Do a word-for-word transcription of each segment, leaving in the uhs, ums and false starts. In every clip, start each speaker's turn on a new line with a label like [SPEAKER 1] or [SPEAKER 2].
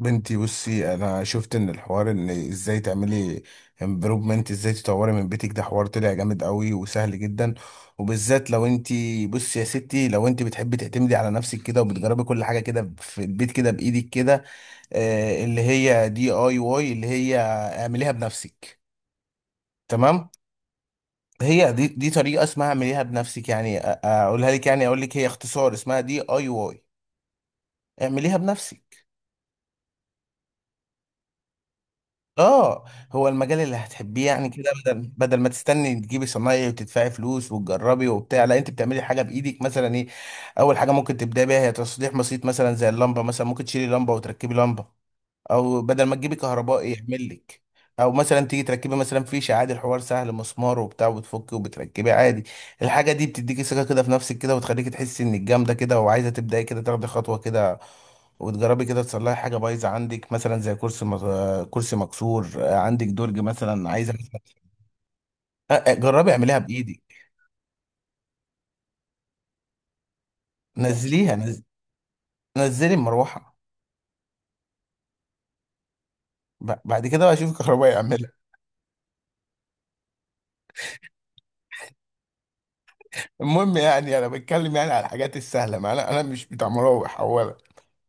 [SPEAKER 1] بنتي، بصي، انا شفت ان الحوار، ان ازاي تعملي امبروفمنت، ازاي تطوري من بيتك. ده حوار طلع جامد قوي وسهل جدا، وبالذات لو انت، بصي يا ستي، لو انت بتحبي تعتمدي على نفسك كده وبتجربي كل حاجه كده في البيت كده بايدك كده. آه، اللي هي دي اي واي، اللي هي اعمليها بنفسك. تمام. هي دي دي طريقه اسمها اعمليها بنفسك. يعني أ- اقولها لك، يعني اقول لك، هي اختصار اسمها دي اي واي، اعمليها بنفسك. اه، هو المجال اللي هتحبيه يعني. مم. كده بدل بدل ما تستني تجيبي صنايعي وتدفعي فلوس وتجربي وبتاع، لا، انت بتعملي حاجه بايدك، مثلا ايه؟ اول حاجه ممكن تبداي بيها هي تصليح بسيط، مثلا زي اللمبه، مثلا ممكن تشيلي لمبه وتركبي لمبه، او بدل ما تجيبي كهربائي يعمل لك، او مثلا تيجي تركبي مثلا فيشه عادي. الحوار سهل، مسمار وبتاع، وبتفكي وبتركبي عادي. الحاجه دي بتديكي ثقه كده في نفسك كده، وتخليكي تحسي انك جامده كده، وعايزه تبداي كده تاخدي خطوه كده وتجربي كده تصلحي حاجه بايظه عندك، مثلا زي كرسي مك- كرسي مكسور، آه، عندك درج مثلا عايزه. أ- أ- جربي اعمليها بايدك. نزليها نز... نزلي المروحه. ب- بعد كده بقى شوفي الكهربائي يعملها. المهم، يعني انا بتكلم يعني على الحاجات السهله، ما انا انا مش بتاع مراوح اولا،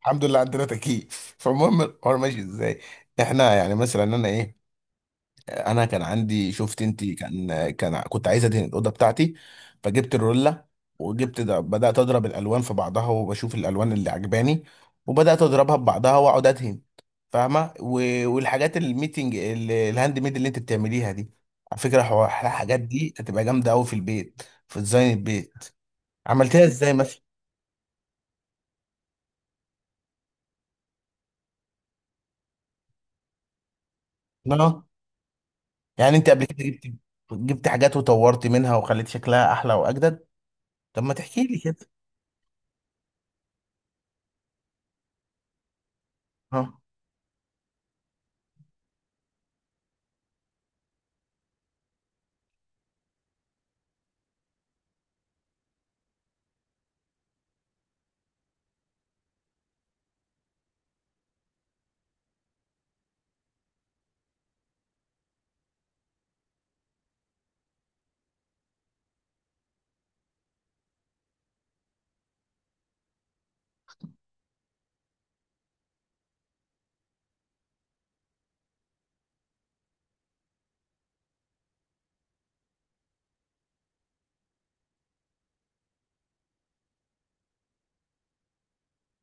[SPEAKER 1] الحمد لله عندنا تكييف. فالمهم الحوار ماشي ازاي. احنا يعني مثلا انا ايه، انا كان عندي، شفت انت، كان كان كنت عايز ادهن الاوضه بتاعتي، فجبت الرولة وجبت ده، بدات اضرب الالوان في بعضها وبشوف الالوان اللي عجباني، وبدات اضربها ببعضها واقعد ادهن، فاهمه؟ و- والحاجات الميتنج، ال- الهاند ميد اللي انت بتعمليها دي، على فكره، حوار- الحاجات دي هتبقى جامده قوي في البيت، في ديزاين البيت. عملتها ازاي مثلا؟ يعني انت قبل كده جبت جبت حاجات وطورت منها وخليت شكلها احلى واجدد. طب ما تحكي لي كده. اه،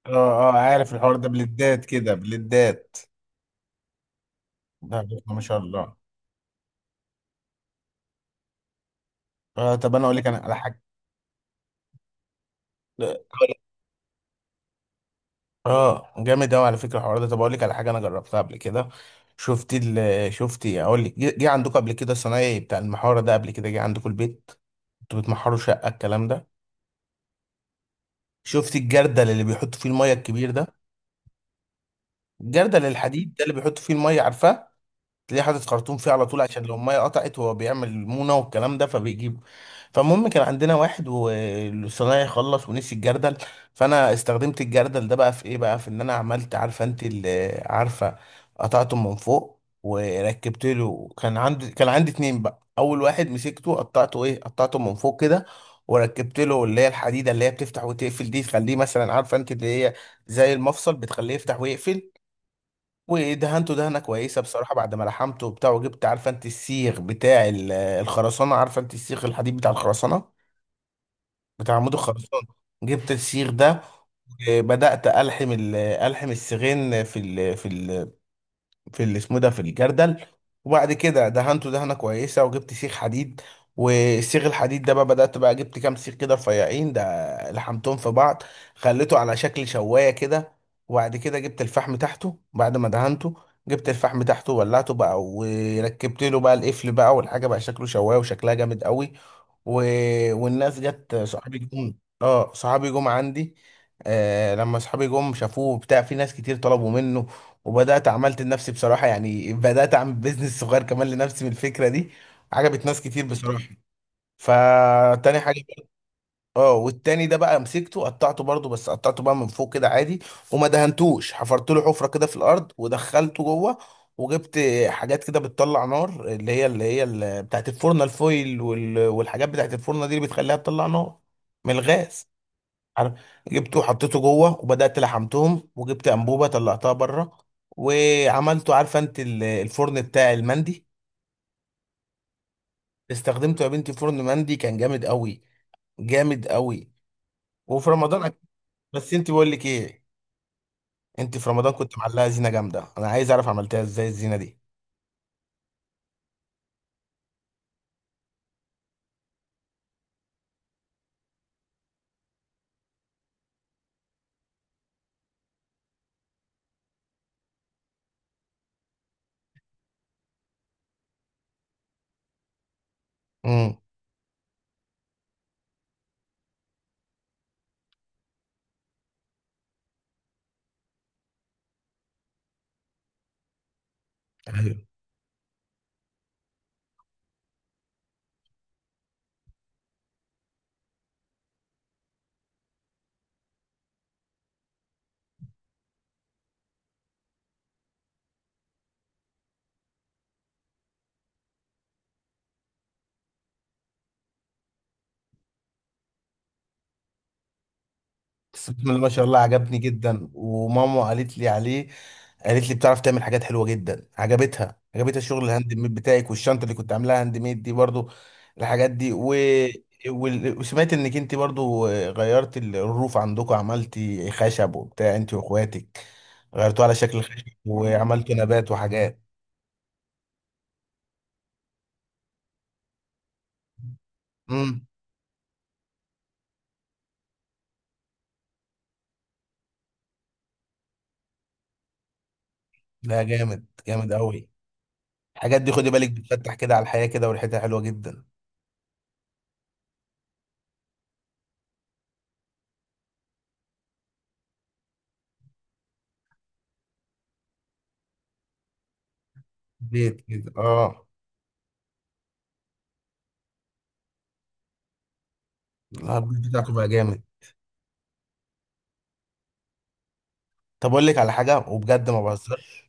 [SPEAKER 1] اه، اه، عارف الحوار ده، بلدات كده بلدات. ده عرفنا، ما شاء الله. آه، طب انا اقول لك انا على حاجه. اه، جامد قوي على فكره الحوار ده. طب اقول لك على حاجه انا جربتها قبل كده. شفت ال شفت إيه؟ اقول لك، جه جه عندكم قبل كده الصنايعي بتاع المحاره ده قبل كده، جه عندكم البيت؟ انتوا بتمحروا شقه، الكلام ده؟ شفت الجردل اللي بيحطوا فيه الميه الكبير ده، الجردل الحديد ده اللي بيحطوا فيه الميه، عارفاه؟ تلاقيه حاطط خرطوم فيه على طول عشان لو الميه قطعت، هو بيعمل المونه والكلام ده فبيجيب. فالمهم كان عندنا واحد، والصنايعي خلص ونسي الجردل، فانا استخدمت الجردل ده بقى في ايه بقى، في ان انا عملت، عارفه انت اللي عارفه، قطعته من فوق وركبت له. كان عندي كان عندي اتنين بقى، اول واحد مسكته قطعته، ايه، قطعته من فوق كده وركبت له اللي هي الحديده اللي هي بتفتح وتقفل دي، تخليه مثلا، عارفه انت اللي هي زي المفصل، بتخليه يفتح ويقفل. ودهنته دهنه كويسه بصراحه بعد ما لحمته وبتاع، وجبت، عارفه انت السيخ بتاع ال- آه، الخرسانه، عارفه انت السيخ الحديد بتاع الخرسانه، بتاع عمود الخرسانه. جبت السيخ ده، وبدات الحم ال- آه، الحم السيخين في ال آه، في ال في اللي اسمه ده، في الجردل. وبعد كده دهنته دهنه كويسه وجبت سيخ حديد، والسيخ الحديد ده بقى بدات بقى جبت كام سيخ كده رفيعين ده، لحمتهم في بعض، خليته على شكل شوايه كده. وبعد كده جبت الفحم تحته بعد ما دهنته، جبت الفحم تحته وولعته بقى، وركبت له بقى القفل بقى، والحاجه بقى شكله شوايه، وشكلها جامد قوي. و... والناس جت، صحابي جم. اه، صحابي جم عندي. آه، لما صحابي جم شافوه بتاع، في ناس كتير طلبوا منه، وبدأت عملت لنفسي بصراحة، يعني بدأت أعمل بيزنس صغير كمان لنفسي من الفكرة دي، عجبت ناس كتير بصراحة، فتاني حاجة. اه، والتاني ده بقى مسكته قطعته برضو، بس قطعته بقى من فوق كده عادي، وما دهنتوش، حفرت له حفره كده في الارض ودخلته جوه، وجبت حاجات كده بتطلع نار، اللي هي اللي هي اللي بتاعت الفرن، الفويل وال... والحاجات بتاعت الفرن دي اللي بتخليها تطلع نار من الغاز، عارف؟ جبته وحطيته جوه وبدات لحمتهم، وجبت انبوبه طلعتها بره، وعملته، عارفه انت ال- الفرن بتاع المندي. استخدمته يا بنتي، فرن مندي كان جامد قوي، جامد قوي، وفي رمضان. بس انت، بقول لك ايه، انت في رمضان كنت معلقه زينه جامده، انا عايز اعرف عملتها ازاي الزينه دي. امم. ايوه. بس، بسم الله ما شاء الله، عجبني جدا وماما قالت لي عليه. قالت لي بتعرف تعمل حاجات حلوه جدا، عجبتها، عجبتها الشغل الهاند ميد بتاعك، والشنطه اللي كنت عاملاها هاند ميد دي برضو، الحاجات دي. و... وال- وسمعت انك انت برضو غيرت الروف عندكم، عملتي خشب وبتاع انت واخواتك، غيرتوه على شكل خشب وعملتوا نبات وحاجات. امم. لا، جامد، جامد قوي. الحاجات دي خدي بالك بتفتح كده على الحياة كده، وريحتها حلوة جدا. بيت كده، اه. لا، البيت بتاعته بقى جامد. طب اقول لك على حاجة وبجد ما بهزرش.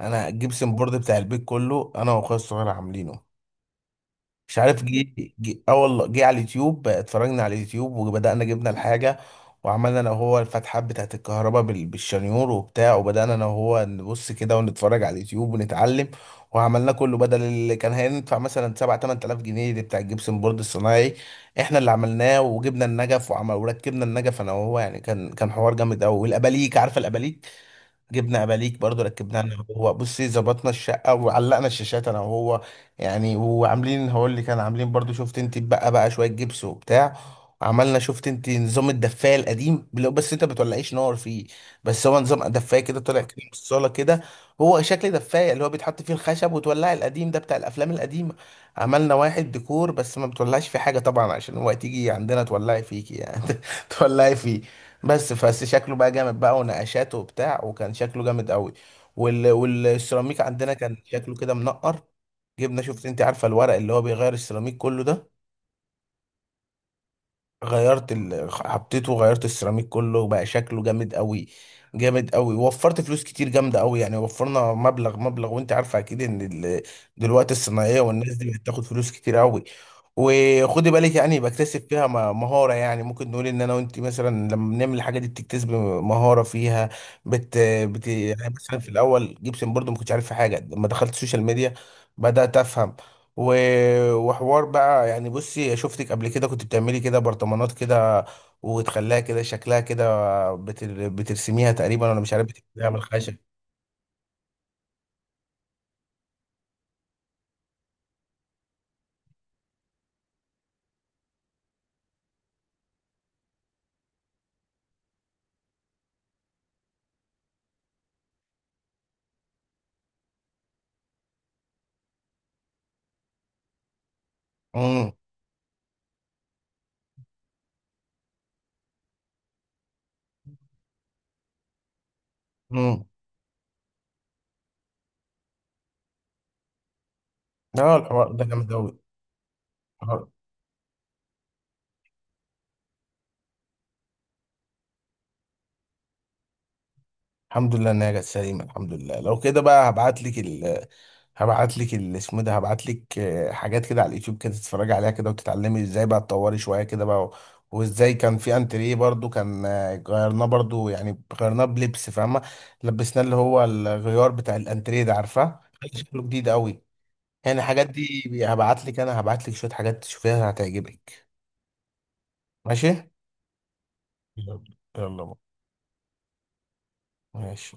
[SPEAKER 1] انا الجبسن بورد بتاع البيت كله انا واخويا الصغير عاملينه. مش عارف، جه جه، اه والله، جه على اليوتيوب، اتفرجنا على اليوتيوب وبدأنا جبنا الحاجة، وعملنا انا وهو الفتحات بتاعت الكهرباء بال- بالشنيور وبتاع، وبدأنا انا وهو نبص كده ونتفرج على اليوتيوب ونتعلم، وعملنا كله بدل اللي كان هيدفع مثلا سبعة تمانية آلاف جنيه دي بتاع الجبسن بورد الصناعي، احنا اللي عملناه. وجبنا النجف وعمل وركبنا النجف انا وهو، يعني كان كان حوار جامد قوي، والاباليك، عارفه الاباليك؟ جبنا اباليك برضو ركبناها انا وهو، بصي، ظبطنا الشقه وعلقنا الشاشات انا وهو، يعني. وعاملين، هقول اللي كان، عاملين برضو، شفت انت بقى، بقى شويه جبس وبتاع. عملنا، شفت انت، نظام الدفايه القديم، اللي هو بس انت ما بتولعيش نار فيه، بس هو نظام دفايه كده طلع كده من الصاله كده، هو شكل دفايه اللي هو بيتحط فيه الخشب وتولعي، القديم ده بتاع الافلام القديمه. عملنا واحد ديكور، بس ما بتولعش فيه حاجه طبعا، عشان هو تيجي عندنا تولعي فيكي يعني. تولعي فيه. بس بس شكله بقى جامد بقى، ونقشاته وبتاع، وكان شكله جامد قوي. وال... والسيراميك عندنا كان شكله كده منقر. جبنا، شفت انت، عارفه الورق اللي هو بيغير السيراميك كله ده، غيرت ال... حطيته وغيرت السيراميك كله، وبقى شكله جامد قوي، جامد قوي. وفرت فلوس كتير جامده قوي، يعني وفرنا مبلغ مبلغ، وانت عارفه اكيد ان ال... دلوقتي الصناعيه والناس دي بتاخد فلوس كتير قوي. وخدي بالك، يعني بكتسب فيها م- مهارة، يعني ممكن نقول ان انا وانت مثلا لما بنعمل الحاجة دي بتكتسب مهارة فيها. بت, بت... يعني مثلا في الاول جيبسن برضو ما كنتش عارف في حاجة، لما دخلت السوشيال ميديا بدأت افهم. و... وحوار بقى، يعني، بصي شفتك قبل كده كنت بتعملي كده برطمانات كده وتخليها كده شكلها كده، بتر... بترسميها تقريبا، انا مش عارف، بتعمليها من الخشب. امم. امم. اه، الحوار ده جامد قوي. الحمد لله ان هي جت سليمه، الحمد لله. لو كده بقى، هبعت لك ال هبعت لك، ال اسمه ده هبعت لك، آه، حاجات كده على اليوتيوب كده تتفرجي عليها كده وتتعلمي ازاي بقى تطوري شويه كده بقى. و- وازاي كان في انتريه برضو، كان آه، غيرناه برضو، يعني غيرناه بلبس، فاهمه؟ لبسناه اللي هو الغيار بتاع الانتريه ده، عارفاه؟ كان شكله جديد قوي. يعني الحاجات دي هبعت لك، انا هبعت لك شويه حاجات تشوفيها هتعجبك. ماشي. يلا. يلا بقى. ماشي.